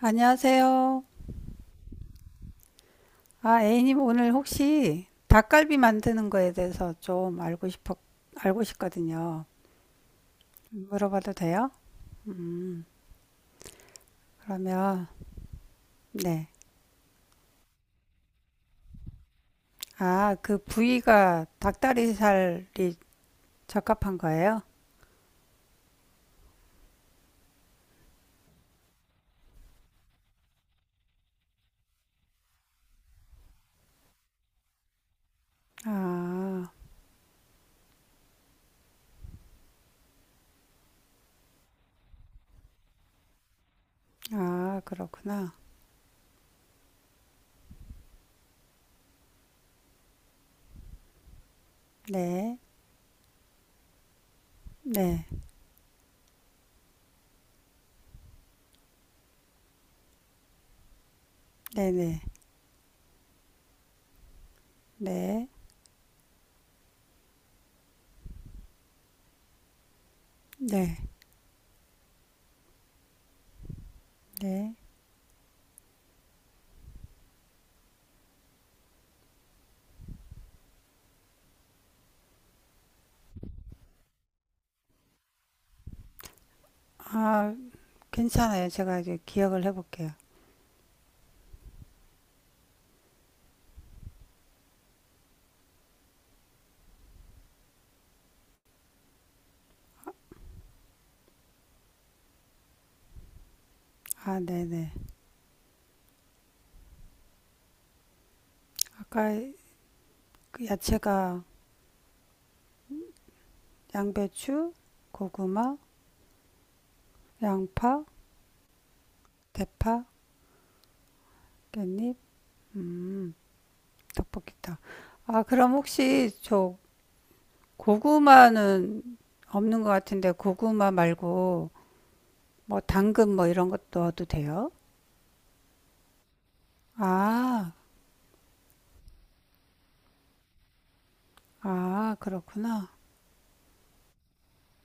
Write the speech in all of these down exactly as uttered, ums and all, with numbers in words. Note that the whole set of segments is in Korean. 안녕하세요. 아, A님 오늘 혹시 닭갈비 만드는 거에 대해서 좀 알고 싶어, 알고 싶거든요. 물어봐도 돼요? 음, 그러면, 네. 아, 그 부위가 닭다리살이 적합한 거예요? 아, 아, 그렇구나. 네, 네, 네네, 네, 네, 네. 네. 아, 괜찮아요. 제가 이제 기억을 해볼게요. 아, 네네. 아까 그 야채가 양배추, 고구마, 양파, 대파, 깻잎, 음, 떡볶이탕. 아, 그럼 혹시 저 고구마는 없는 것 같은데 고구마 말고 뭐 당근 뭐 이런 것 넣어도 돼요? 아, 아, 그렇구나.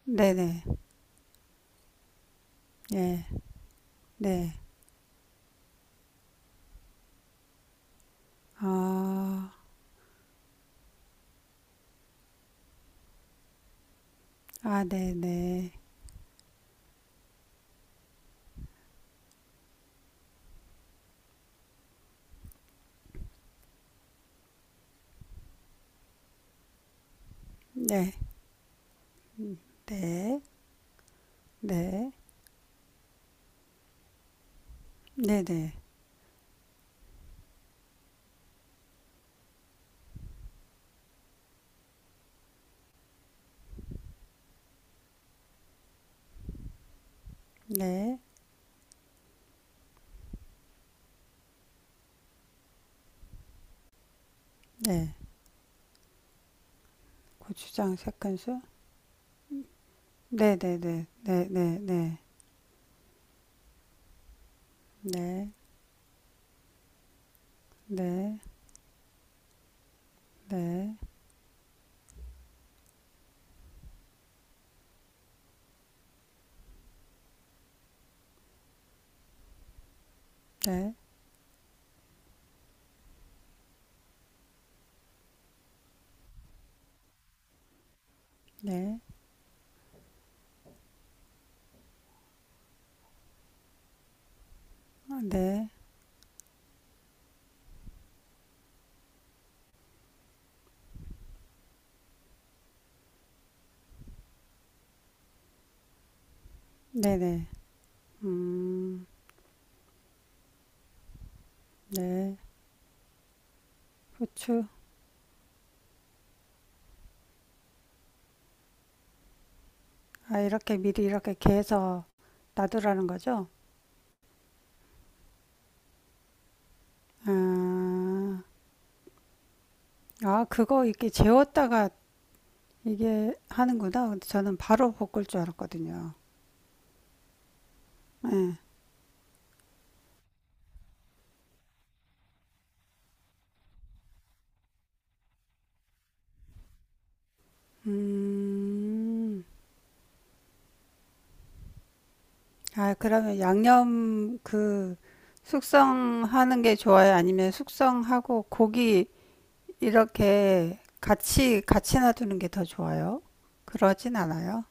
네네, 예, 네. 아, 아, 네네, 네, 네, 네, 네. 네 네, 네, 네. 고추장 세 큰술? 네네네, 네네네. 네, 네, 네, 네, 네, 아, 네, 네, 네, 음, 네, 후추. 아, 이렇게 미리 이렇게 개서 놔두라는 거죠? 아, 아, 그거 이렇게 재웠다가 이게 하는구나. 근데 저는 바로 볶을 줄 알았거든요. 예. 음, 아, 그러면 양념 그 숙성하는 게 좋아요? 아니면 숙성하고 고기 이렇게 같이, 같이 놔두는 게 더 좋아요? 그러진 않아요?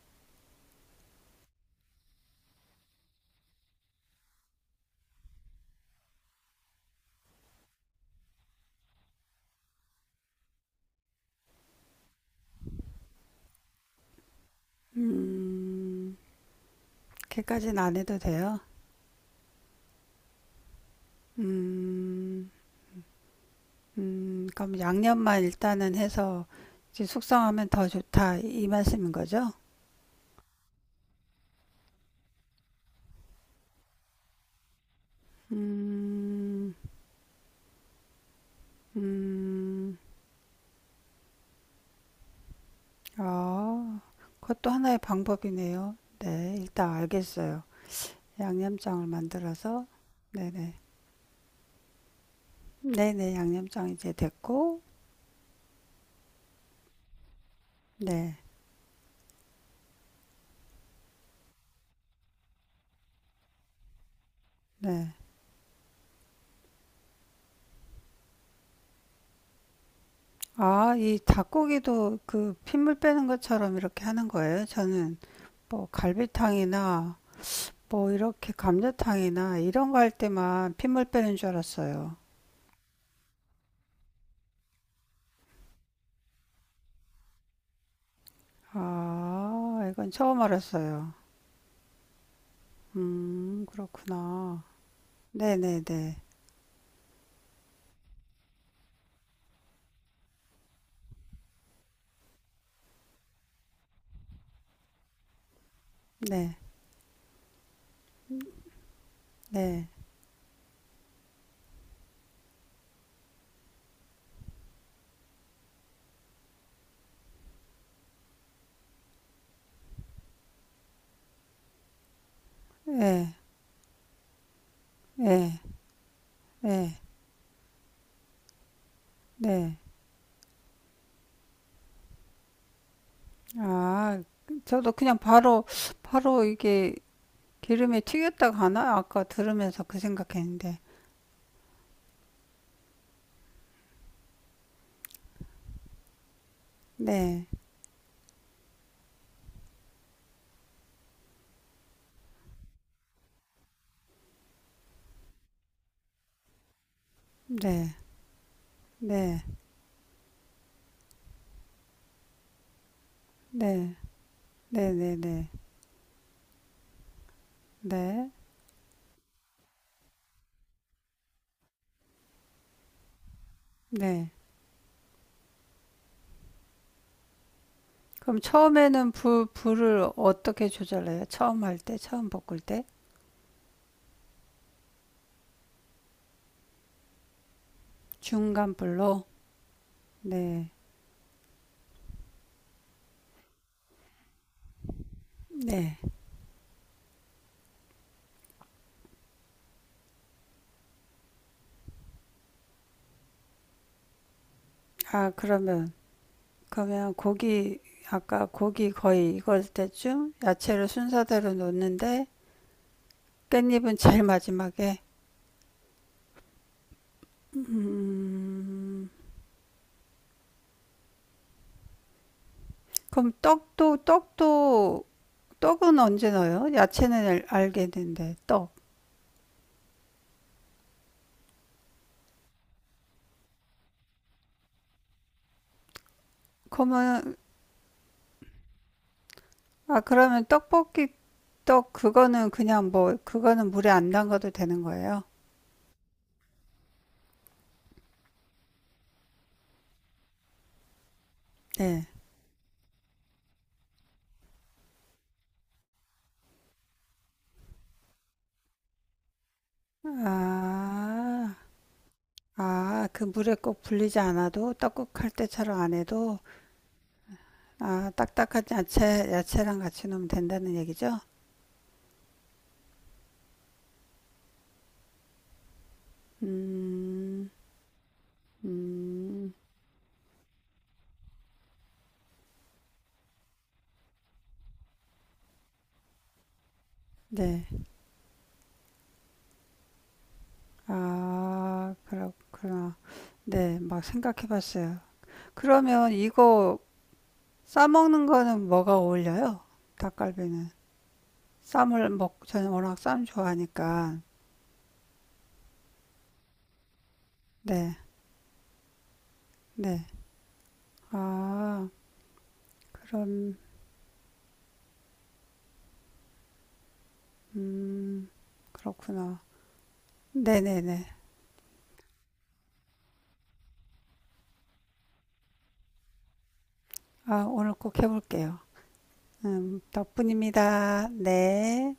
음, 그까진 안 해도 돼요? 음, 음, 그럼 양념만 일단은 해서 이제 숙성하면 더 좋다. 이 말씀인 거죠? 음, 음, 아, 그것도 하나의 방법이네요. 네, 일단 알겠어요. 양념장을 만들어서, 네네. 네네, 양념장 이제 됐고, 네, 네. 아, 이 닭고기도 그 핏물 빼는 것처럼 이렇게 하는 거예요? 저는 뭐 갈비탕이나 뭐 이렇게 감자탕이나 이런 거 할 때만 핏물 빼는 줄 알았어요. 아, 이건 처음 알았어요. 음, 그렇구나. 네네네. 네, 네, 네, 네, 네, 네. 아, 저도 그냥 바로, 바로 이게 기름에 튀겼다가 하나? 아까 들으면서 그 생각했는데. 네, 네, 네. 네. 네네네. 네. 네. 네. 네. 그럼 처음에는 불, 불을 어떻게 조절해요? 처음 할 때, 처음 볶을 때? 중간 불로? 네. 네. 아, 그러면, 그러면 고기, 아까 고기 거의 익을 때쯤 야채를 순서대로 놓는데 깻잎은 제일 마지막에. 그럼 떡도, 떡도, 떡은 언제 넣어요? 야채는 알, 알겠는데, 떡. 그러면 아, 그러면 떡볶이 떡 그거는 그냥 뭐 그거는 물에 안 담가도 되는 거예요? 네. 아, 아, 그 물에 꼭 불리지 않아도 떡국 할 때처럼 안 해도 아, 딱딱한 야채 야채랑 같이 넣으면 된다는 얘기죠? 음, 음, 네. 아, 그렇구나. 네, 막 생각해봤어요. 그러면 이거 싸 먹는 거는 뭐가 어울려요? 닭갈비는. 쌈을 먹, 저는 워낙 쌈 좋아하니까. 네, 네. 아, 그럼, 음, 그렇구나. 네네네. 아, 오늘 꼭 해볼게요. 음, 덕분입니다. 네.